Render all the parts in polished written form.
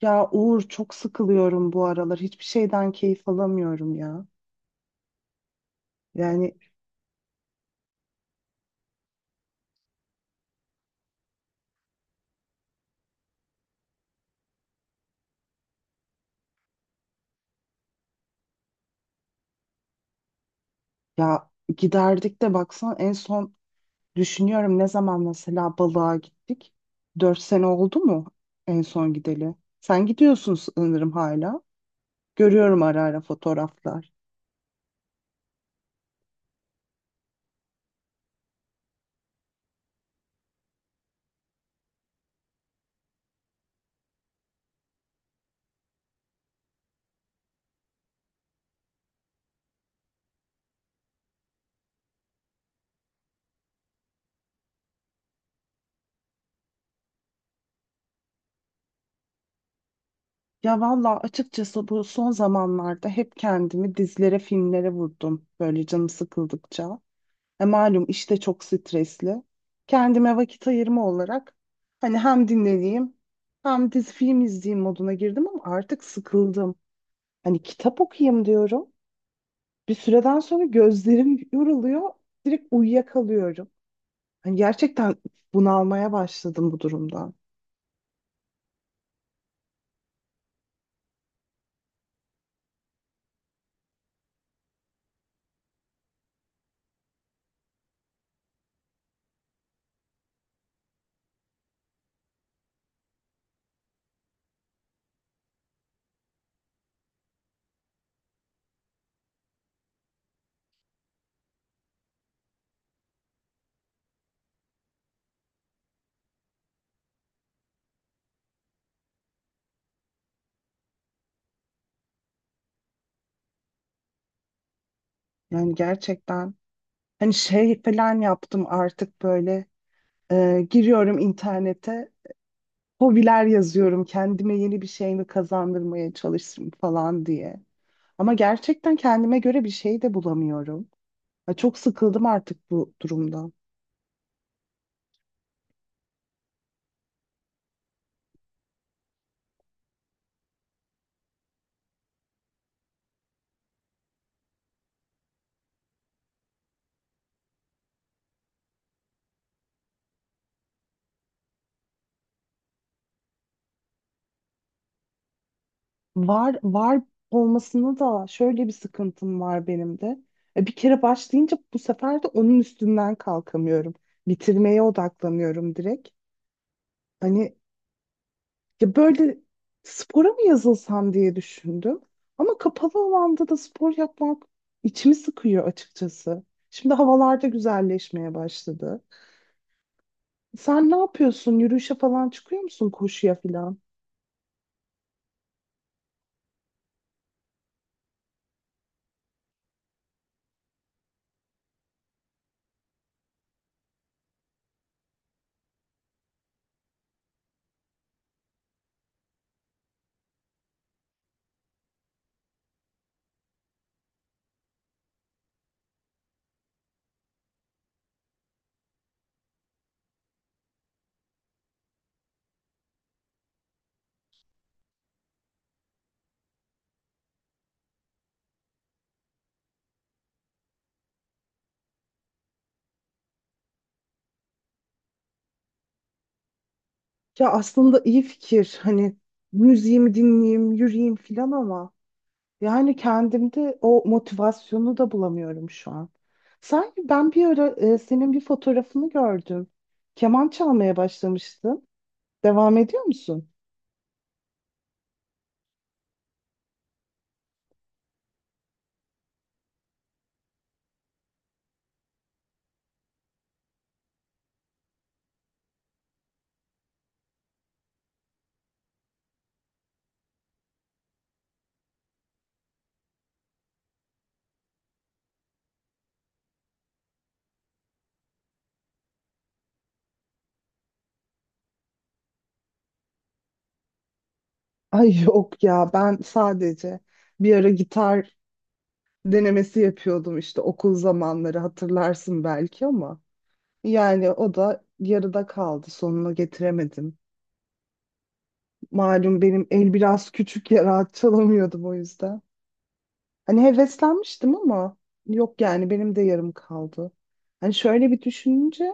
Ya Uğur, çok sıkılıyorum bu aralar. Hiçbir şeyden keyif alamıyorum ya. Yani ya giderdik de baksan en son düşünüyorum ne zaman mesela balığa gittik. 4 sene oldu mu en son gideli? Sen gidiyorsun sanırım hala. Görüyorum ara ara fotoğraflar. Ya valla açıkçası bu son zamanlarda hep kendimi dizlere, filmlere vurdum. Böyle canım sıkıldıkça. Malum işte, çok stresli. Kendime vakit ayırma olarak hani hem dinleneyim hem dizi film izleyeyim moduna girdim ama artık sıkıldım. Hani kitap okuyayım diyorum. Bir süreden sonra gözlerim yoruluyor. Direkt uyuyakalıyorum. Hani gerçekten bunalmaya başladım bu durumdan. Yani gerçekten hani şey falan yaptım artık böyle, giriyorum internete, hobiler yazıyorum. Kendime yeni bir şey mi kazandırmaya çalışırım falan diye. Ama gerçekten kendime göre bir şey de bulamıyorum. Ya çok sıkıldım artık bu durumdan. Var var olmasına da şöyle bir sıkıntım var benim de. Bir kere başlayınca bu sefer de onun üstünden kalkamıyorum. Bitirmeye odaklanıyorum direkt. Hani ya böyle spora mı yazılsam diye düşündüm. Ama kapalı alanda da spor yapmak içimi sıkıyor açıkçası. Şimdi havalarda güzelleşmeye başladı. Sen ne yapıyorsun? Yürüyüşe falan çıkıyor musun? Koşuya falan? Ya aslında iyi fikir. Hani müziğimi dinleyeyim, yürüyeyim falan ama yani kendimde o motivasyonu da bulamıyorum şu an. Sanki ben bir ara senin bir fotoğrafını gördüm. Keman çalmaya başlamıştın. Devam ediyor musun? Ay yok ya, ben sadece bir ara gitar denemesi yapıyordum işte, okul zamanları hatırlarsın belki ama yani o da yarıda kaldı, sonuna getiremedim. Malum benim el biraz küçük ya, rahat çalamıyordum o yüzden. Hani heveslenmiştim ama yok, yani benim de yarım kaldı. Hani şöyle bir düşününce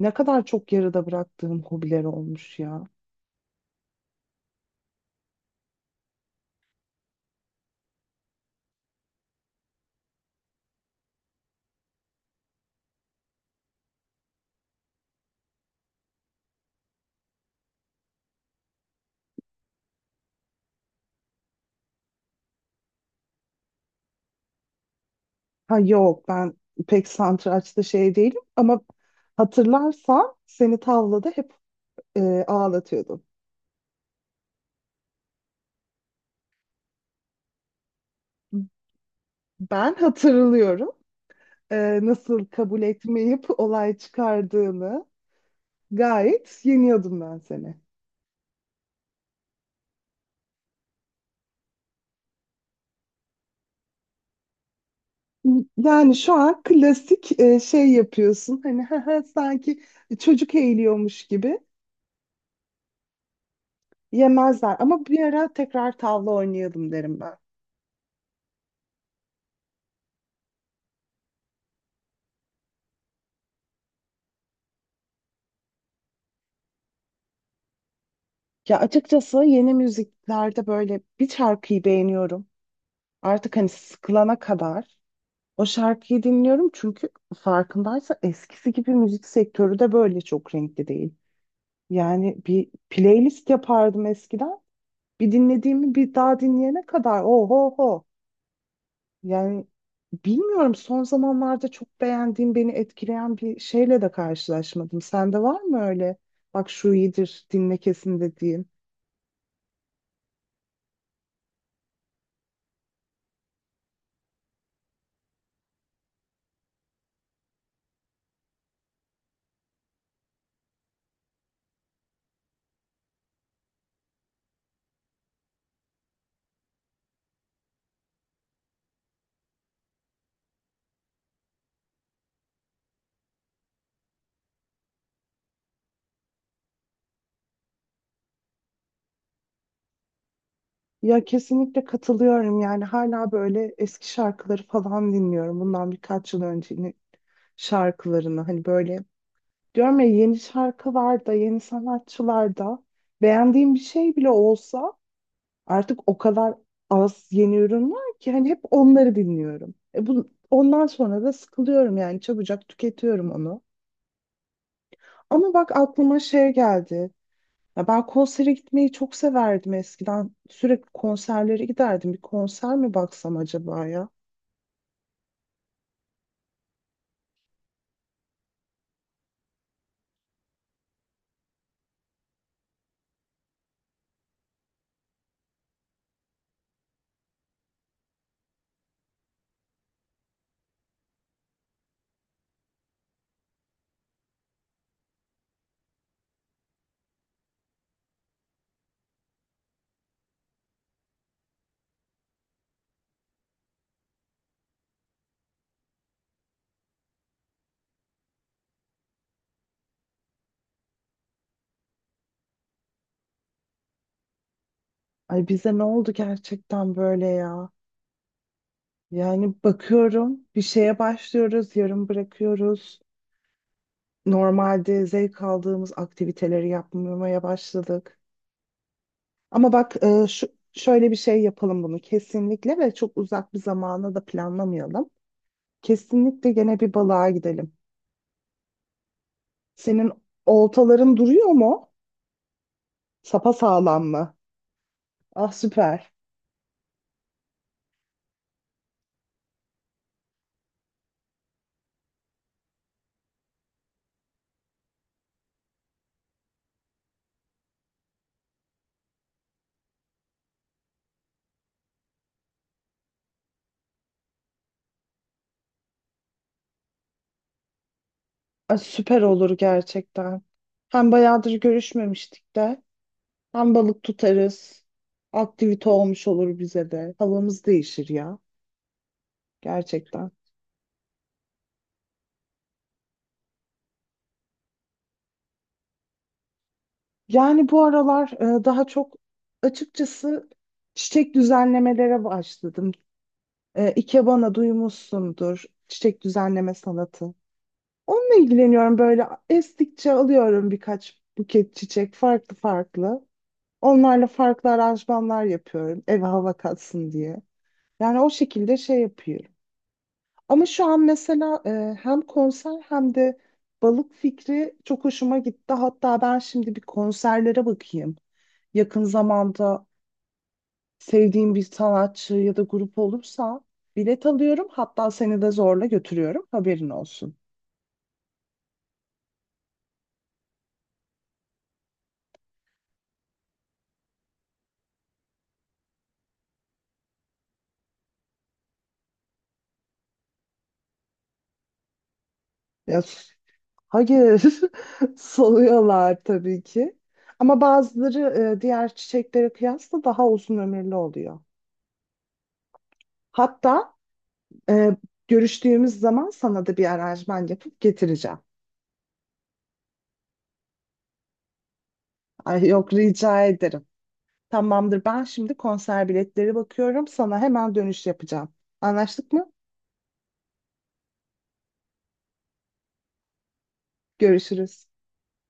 ne kadar çok yarıda bıraktığım hobiler olmuş ya. Ha yok, ben pek satrançta şey değilim ama hatırlarsan seni tavlada hep ağlatıyordum. Ben hatırlıyorum nasıl kabul etmeyip olay çıkardığını, gayet yeniyordum ben seni. Yani şu an klasik şey yapıyorsun. Hani hı hı, sanki çocuk eğiliyormuş gibi, yemezler. Ama bir ara tekrar tavla oynayalım derim ben. Ya açıkçası yeni müziklerde böyle bir şarkıyı beğeniyorum. Artık hani sıkılana kadar o şarkıyı dinliyorum. Çünkü farkındaysa eskisi gibi müzik sektörü de böyle çok renkli değil. Yani bir playlist yapardım eskiden. Bir dinlediğimi bir daha dinleyene kadar oho ho. Yani bilmiyorum, son zamanlarda çok beğendiğim, beni etkileyen bir şeyle de karşılaşmadım. Sende var mı öyle? Bak şu iyidir, dinle kesin dediğin. Ya kesinlikle katılıyorum, yani hala böyle eski şarkıları falan dinliyorum. Bundan birkaç yıl öncenin şarkılarını hani böyle, diyorum ya yeni şarkılar da yeni sanatçılar da beğendiğim bir şey bile olsa artık o kadar az yeni ürün var ki hani hep onları dinliyorum. Bu, ondan sonra da sıkılıyorum, yani çabucak tüketiyorum onu. Ama bak aklıma şey geldi. Ya ben konsere gitmeyi çok severdim eskiden. Sürekli konserlere giderdim. Bir konser mi baksam acaba ya? Ay bize ne oldu gerçekten böyle ya? Yani bakıyorum bir şeye başlıyoruz, yarım bırakıyoruz. Normalde zevk aldığımız aktiviteleri yapmamaya başladık. Ama bak, şu, şöyle bir şey yapalım bunu kesinlikle ve çok uzak bir zamana da planlamayalım. Kesinlikle gene bir balığa gidelim. Senin oltaların duruyor mu? Sapa sağlam mı? Ah süper. Ah, süper olur gerçekten. Hem bayağıdır görüşmemiştik de hem balık tutarız. Aktivite olmuş olur bize de. Havamız değişir ya gerçekten. Yani bu aralar daha çok açıkçası çiçek düzenlemelere başladım. E, ikebana duymuşsundur. Çiçek düzenleme sanatı. Onunla ilgileniyorum, böyle estikçe alıyorum birkaç buket çiçek, farklı farklı. Onlarla farklı aranjmanlar yapıyorum eve hava katsın diye. Yani o şekilde şey yapıyorum. Ama şu an mesela hem konser hem de balık fikri çok hoşuma gitti. Hatta ben şimdi bir konserlere bakayım. Yakın zamanda sevdiğim bir sanatçı ya da grup olursa bilet alıyorum. Hatta seni de zorla götürüyorum. Haberin olsun. Ya, hayır, soluyorlar tabii ki. Ama bazıları diğer çiçeklere kıyasla daha uzun ömürlü oluyor. Hatta Ee, görüştüğümüz zaman sana da bir aranjman yapıp getireceğim. Ay yok, rica ederim. Tamamdır, ben şimdi konser biletleri bakıyorum. Sana hemen dönüş yapacağım. Anlaştık mı? Görüşürüz.